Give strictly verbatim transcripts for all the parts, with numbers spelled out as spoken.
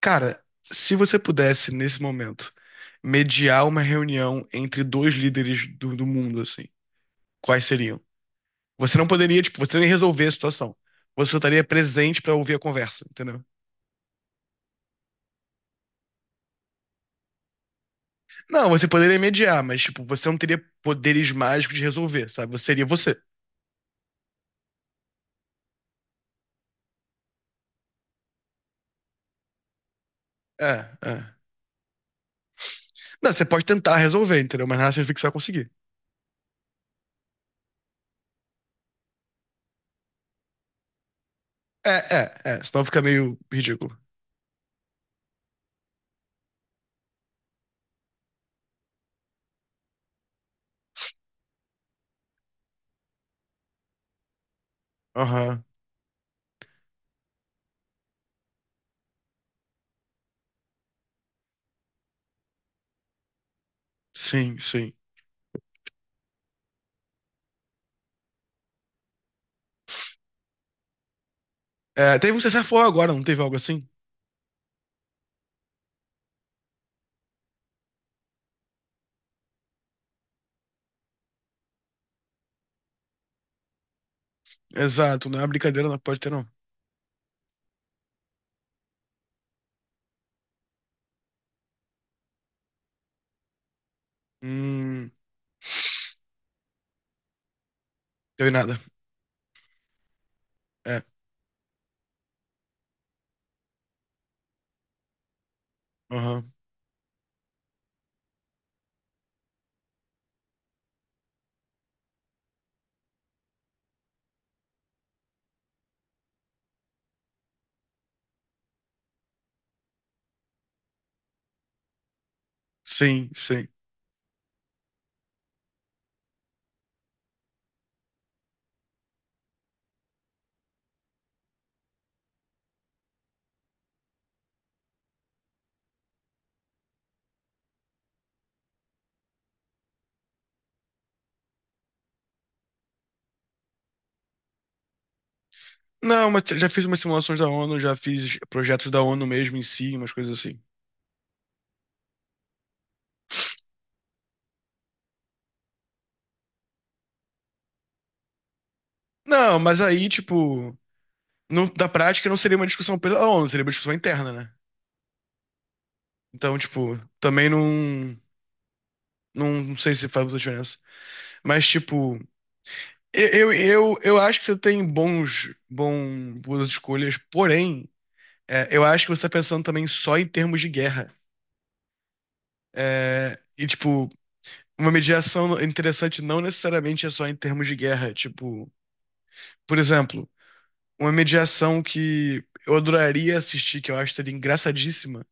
Cara, se você pudesse, nesse momento, mediar uma reunião entre dois líderes do, do mundo, assim, quais seriam? Você não poderia, tipo, você nem resolver a situação. Você só estaria presente pra ouvir a conversa, entendeu? Não, você poderia mediar, mas, tipo, você não teria poderes mágicos de resolver, sabe? Você seria você. É, é. Não, você pode tentar resolver, entendeu? Mas nada significa que você vai conseguir. É, é, é. Senão fica meio ridículo. Aham. Sim, sim. É, teve um cessar-fogo agora, não teve algo assim? Exato, não é uma brincadeira, não pode ter, não. Hum, deu em nada. É, aham. Sim, sim. Não, mas já fiz umas simulações da ONU, já fiz projetos da ONU mesmo em si, umas coisas assim. Não, mas aí, tipo, não, da prática não seria uma discussão pela ONU, seria uma discussão interna, né? Então, tipo, também não, não, não sei se faz muita diferença. Mas, tipo, eu, eu, eu, eu acho que você tem bons, bom, boas escolhas, porém, é, eu acho que você tá pensando também só em termos de guerra. É, e, tipo, uma mediação interessante não necessariamente é só em termos de guerra. Tipo, por exemplo, uma mediação que eu adoraria assistir, que eu acho seria engraçadíssima,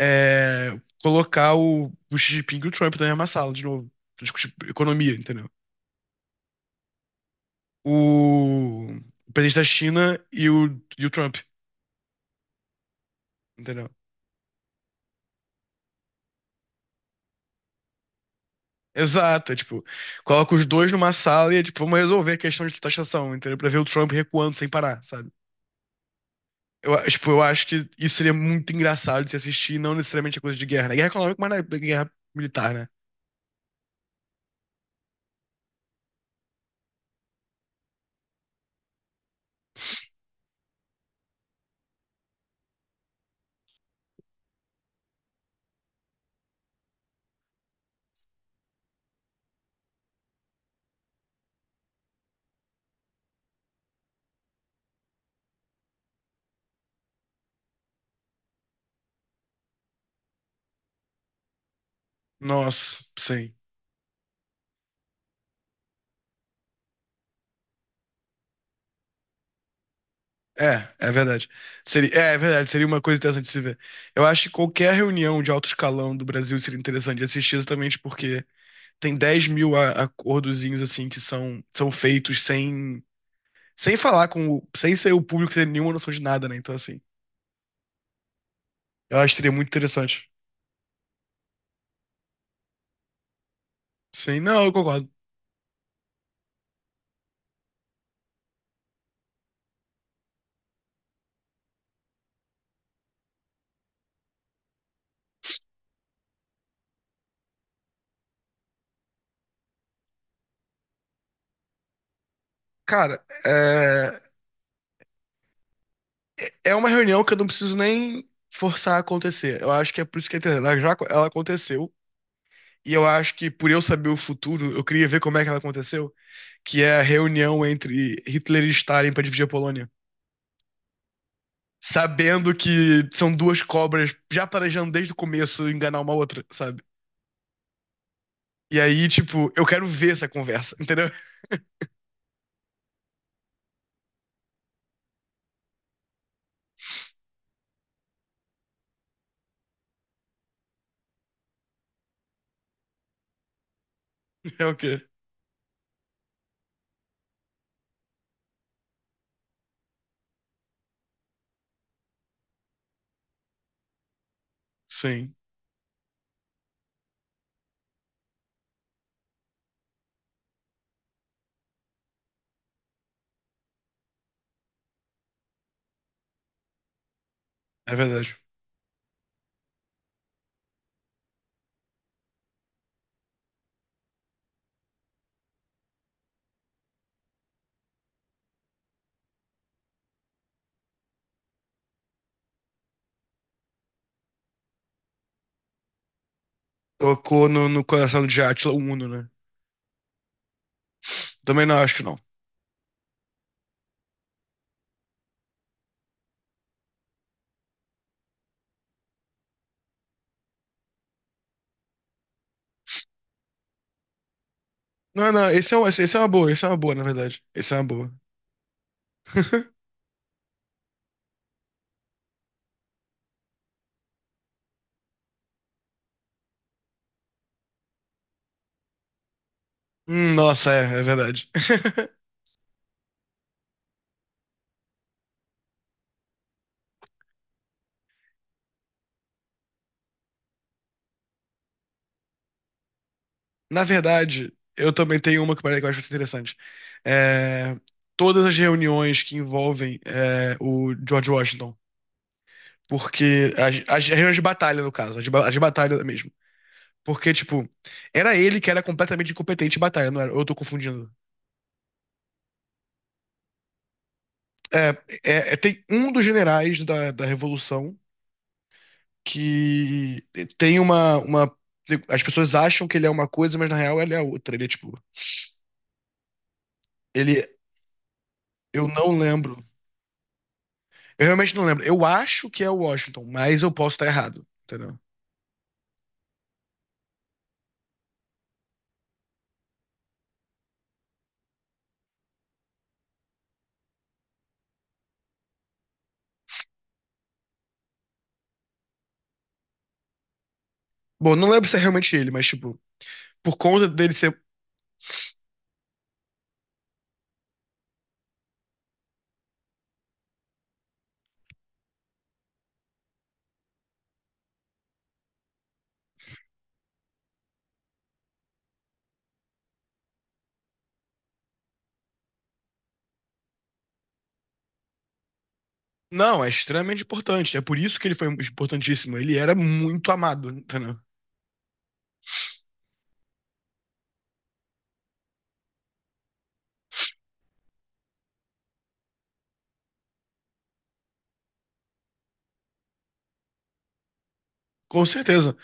é colocar o, o Xi Jinping e o Trump na mesma sala, de novo, pra discutir economia, entendeu? O, o presidente da China e o, e o Trump, entendeu? Exato, é tipo, coloca os dois numa sala e é tipo, vamos resolver a questão de taxação, entendeu? Pra ver o Trump recuando sem parar, sabe? Eu, tipo, eu acho que isso seria muito engraçado de se assistir, não necessariamente a coisa de guerra. Né, guerra econômica, mas na guerra militar, né? Nossa, sim. É, é verdade. Seria, é, é verdade, seria uma coisa interessante de se ver. Eu acho que qualquer reunião de alto escalão do Brasil seria interessante de assistir exatamente porque tem dez mil a- acordozinhos assim que são, são feitos sem, sem falar com o, sem ser o público ter nenhuma noção de nada, né? Então, assim, eu acho que seria muito interessante. Sim, não, eu concordo. Cara, é. É uma reunião que eu não preciso nem forçar a acontecer. Eu acho que é por isso que é interessante. Ela já, ela aconteceu. E eu acho que por eu saber o futuro, eu queria ver como é que ela aconteceu, que é a reunião entre Hitler e Stalin para dividir a Polônia. Sabendo que são duas cobras já planejando desde o começo enganar uma outra, sabe? E aí, tipo, eu quero ver essa conversa, entendeu? É o quê? Sim, é verdade. Tocou no, no coração de Átila o Uno, né? Também não acho que não. Não, não, esse é, um- esse esse é uma boa, esse é uma boa, na verdade. Esse é uma boa. Hum, nossa, é, é verdade. Na verdade, eu também tenho uma que pare- que eu acho que vai ser interessante. É, todas as reuniões que envolvem é, o George Washington, porque as, as reuniões de batalha, no caso, as de, ba- as de batalha mesmo. Porque, tipo, era ele que era completamente incompetente em batalha, não era? Ou eu tô confundindo. É, é- é- tem um dos generais da, da Revolução que tem uma, uma. As pessoas acham que ele é uma coisa, mas na real ele é outra. Ele é, tipo. Ele, eu não lembro. Eu realmente não lembro. Eu acho que é o Washington, mas eu posso estar errado, entendeu? Bom, não lembro se é realmente ele, mas, tipo, por conta dele ser. Não, é extremamente importante. É por isso que ele foi importantíssimo. Ele era muito amado, entendeu? Com certeza.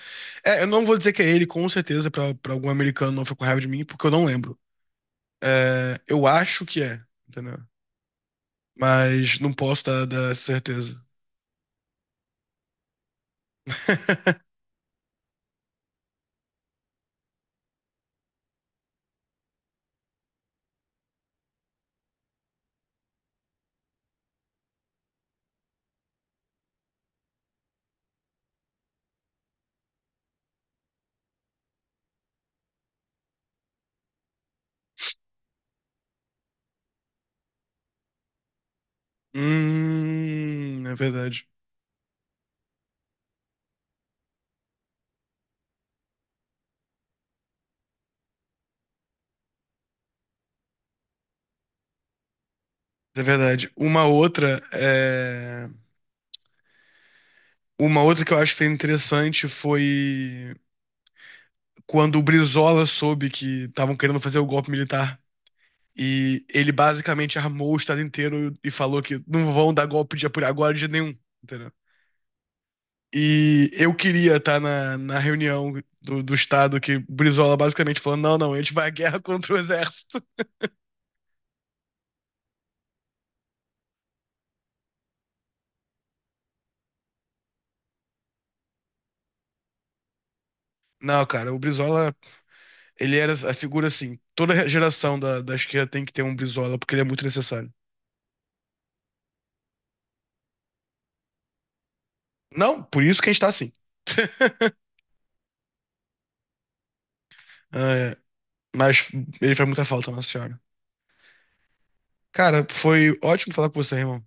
É, eu não vou dizer que é ele, com certeza, pra, pra algum americano não ficar com raiva de mim, porque eu não lembro. É, eu acho que é, entendeu? Mas não posso dar, dar certeza. Hum, é verdade. É verdade. Uma outra é. Uma outra que eu acho que foi interessante foi quando o Brizola soube que estavam querendo fazer o golpe militar. E ele basicamente armou o estado inteiro e falou que não vão dar golpe de apoio agora de nenhum, entendeu? E eu queria estar na, na reunião do, do estado que o Brizola basicamente falando, não, não, a gente vai à guerra contra o exército. Não, cara, o Brizola, ele era a figura assim, toda geração da, da esquerda tem que ter um Brizola, porque ele é muito necessário. Não, por isso que a gente tá assim. Ah, é. Mas ele faz muita falta, Nossa Senhora. Cara, foi ótimo falar com você, irmão.